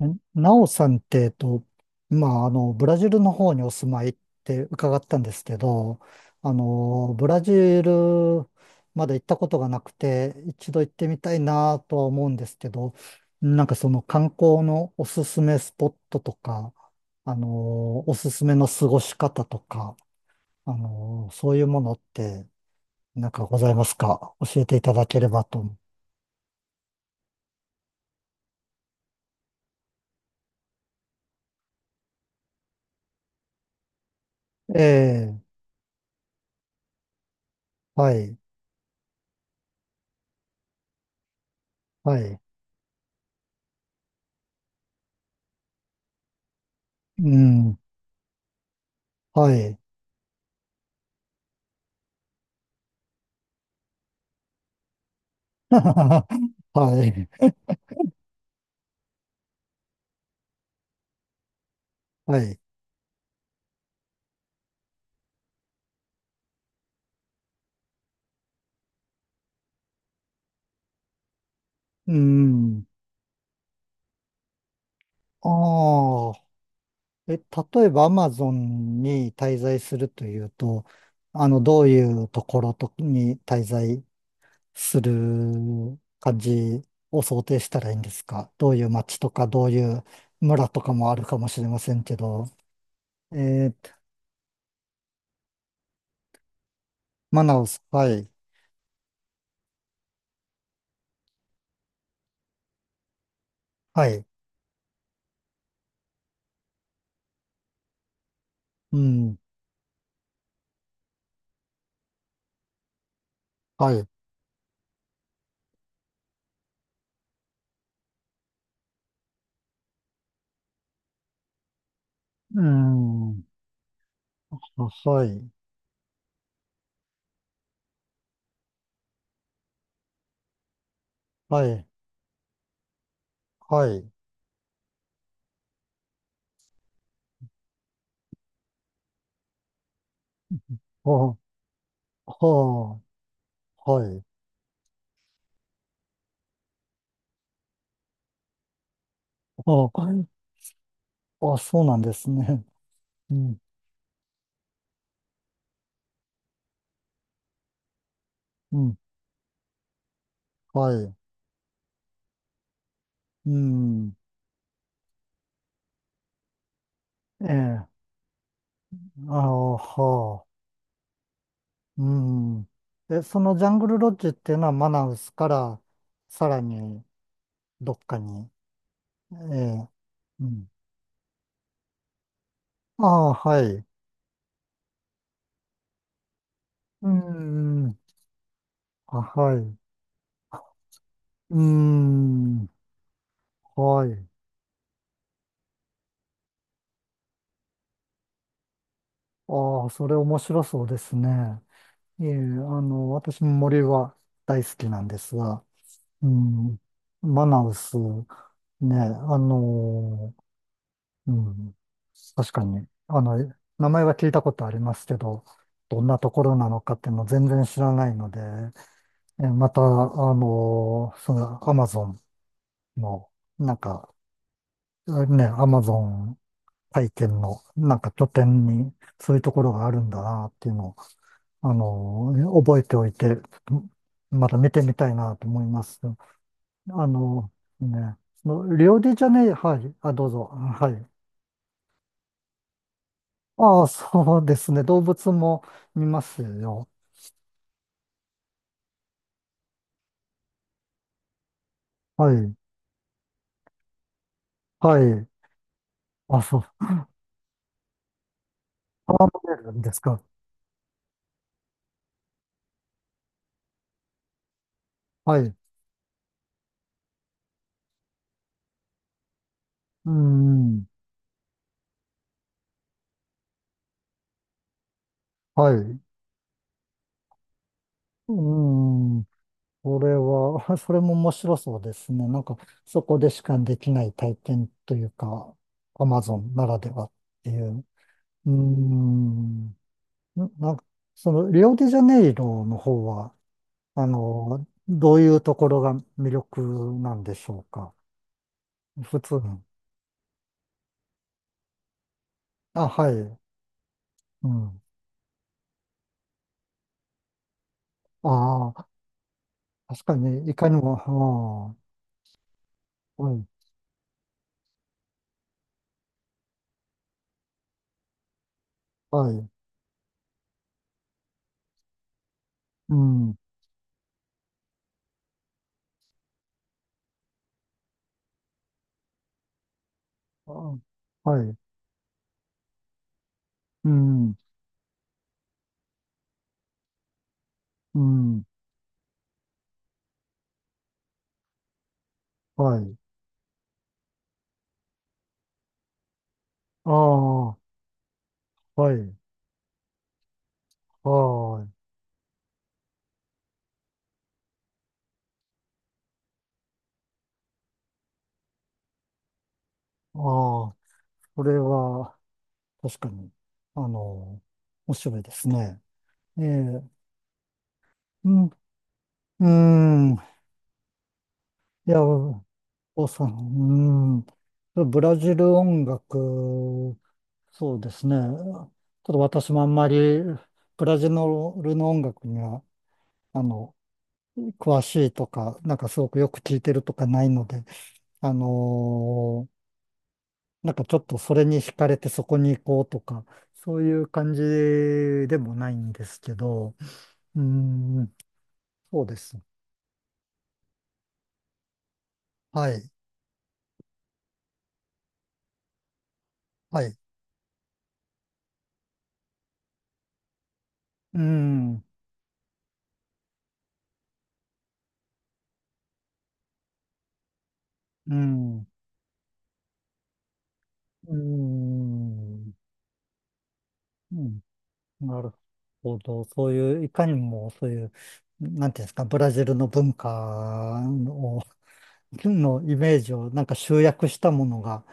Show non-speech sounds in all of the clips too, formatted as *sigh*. えなおさんって、まあ、ブラジルの方にお住まいって伺ったんですけど、ブラジルまだ行ったことがなくて、一度行ってみたいなとは思うんですけど、なんかその観光のおすすめスポットとか、おすすめの過ごし方とか、そういうものって、なんかございますか教えていただければと。ええ、はい、はい、うん、はい。*laughs* はい。はい。うん。ああ。え、例えばアマゾンに滞在するというと、どういうところとに滞在する感じを想定したらいいんですか？どういう街とか、どういう村とかもあるかもしれませんけど。えーマナウス、はい。はい。うん。はい。うん。はい。はい。はい。ほう、ほう、はい。ああ、あ、そうなんですね。*laughs* うん、うん、はい。うん、ええ、ああ、はあ、うん。そのジャングルロッジっていうのはマナウスからさらにどっかに、ええ、うん。ああ、はい。うん、あ、はい。うん、はい。ああ、それ面白そうですね。ええ、私も森は大好きなんですが、うん、マナウス。ねえ、うん、確かに、名前は聞いたことありますけど、どんなところなのかっていうのを全然知らないので、また、その、アマゾンの、なんか、ね、アマゾン体験の、なんか拠点に、そういうところがあるんだなっていうのを、覚えておいて、また見てみたいなと思います。あのね、そのリオデジャネイロ、はい、あ、どうぞ、はい。ああ、そうですね。動物も見ますよ。はい。はい。あ、そう。パーモデルですか？はい。うん。はい。うん。これは、*laughs* それも面白そうですね。なんか、そこでしかできない体験というか、アマゾンならではっていう。うん。なんか、その、リオデジャネイロの方は、どういうところが魅力なんでしょうか？普通に。あ、はい。うん。ああ、確かに、いかにも、ああ、はい、はい、うん、あはい、うん、うん、はい、ああ、はい、はい、ああ、それは、確かに、あの、面白いですね。ええ、うん、うん、いや、おさん、うん、ブラジル音楽、そうですね。ちょっと私もあんまり、ブラジルの音楽には、あの、詳しいとか、なんかすごくよく聞いてるとかないので、あのーなんかちょっとそれに惹かれてそこに行こうとか、そういう感じでもないんですけど、うーん、そうです。はい、はい。うーん、うーん、うーん、うん、なるほど。そういう、いかにもそういう、なんていうんですか、ブラジルの文化をのイメージをなんか集約したものが、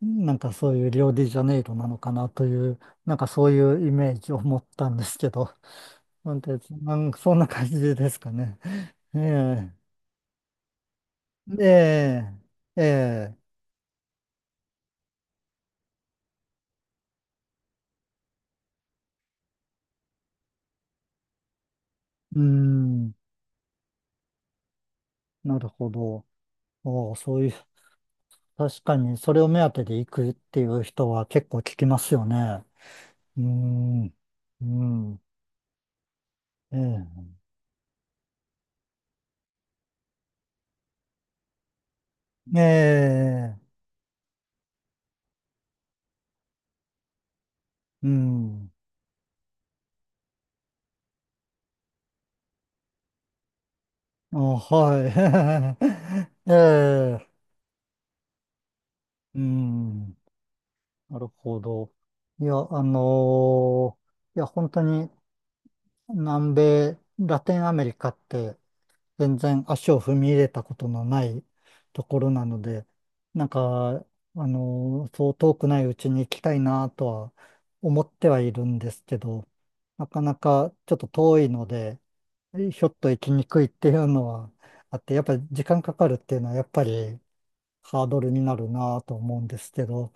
なんかそういうリオデジャネイロなのかなという、なんかそういうイメージを持ったんですけど、なんて、そんな感じですかね。ええで、ええうーん、なるほど。おうそういう、確かにそれを目当てで行くっていう人は結構聞きますよね。うーん、うん、ええええうん。あ、はい。*laughs* ええ、うん、なるほど。いや、いや、本当に南米、ラテンアメリカって全然足を踏み入れたことのないところなので、なんか、そう遠くないうちに行きたいなとは思ってはいるんですけど、なかなかちょっと遠いので、ひょっと行きにくいっていうのはあって、やっぱり時間かかるっていうのはやっぱり、ハードルになるなと思うんですけど、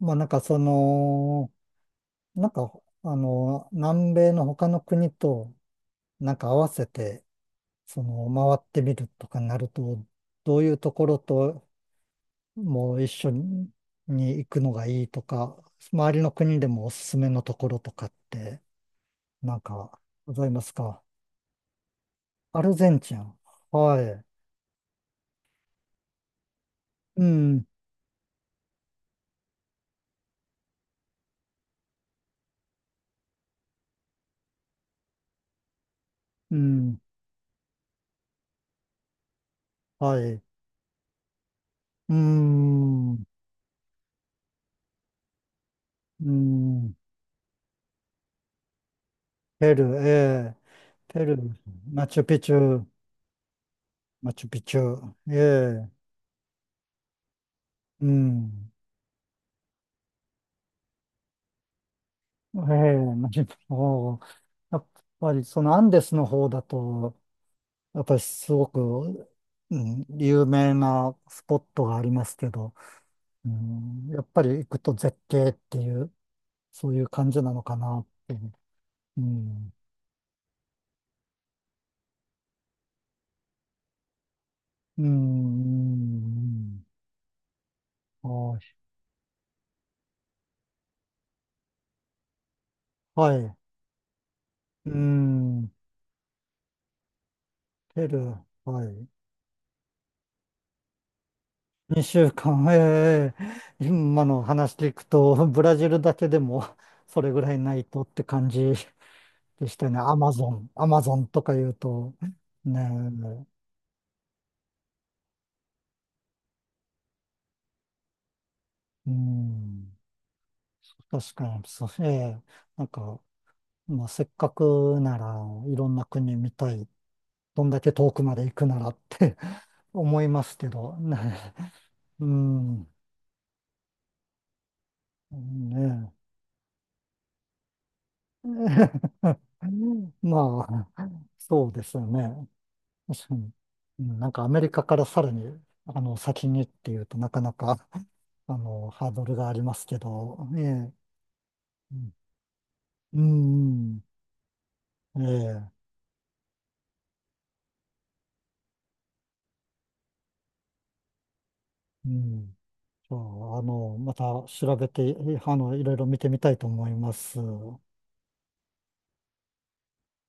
まあなんかその、なんか南米の他の国となんか合わせて、その回ってみるとかになると、どういうところとも一緒に行くのがいいとか、周りの国でもおすすめのところとかって、なんかございますか？アルゼンチン。はい。うん、うん、はい。うーん、うーん。ペルー、ええ、ペルー、マチュピチュ、マチュピチュ、ええ、うん、ええ、マチュピチュ、おーやっぱりそのアンデスの方だと、やっぱりすごく、うん、有名なスポットがありますけど、うん、やっぱり行くと絶景っていう、そういう感じなのかなって、うん、うん、うんはい、はい、うん、ペルー、はい。2週間、*laughs* ええ今の話聞くと、*laughs* ブラジルだけでも *laughs* それぐらいないとって感じでしたね。アマゾン、アマゾンとか言うと、ねえ、うん、確かに、そう、ええなんか、まあ、せっかくならいろんな国見たい、どんだけ遠くまで行くならって *laughs* 思いますけど、ねえ、うん、ねえ、*laughs* まあ、そうですよね。確かに。うんなんかアメリカからさらに、先にっていうとなかなか、*laughs* ハードルがありますけど、ええ、うん、うんええ、うん。じゃあ、また調べて、えあの、いろいろ見てみたいと思います。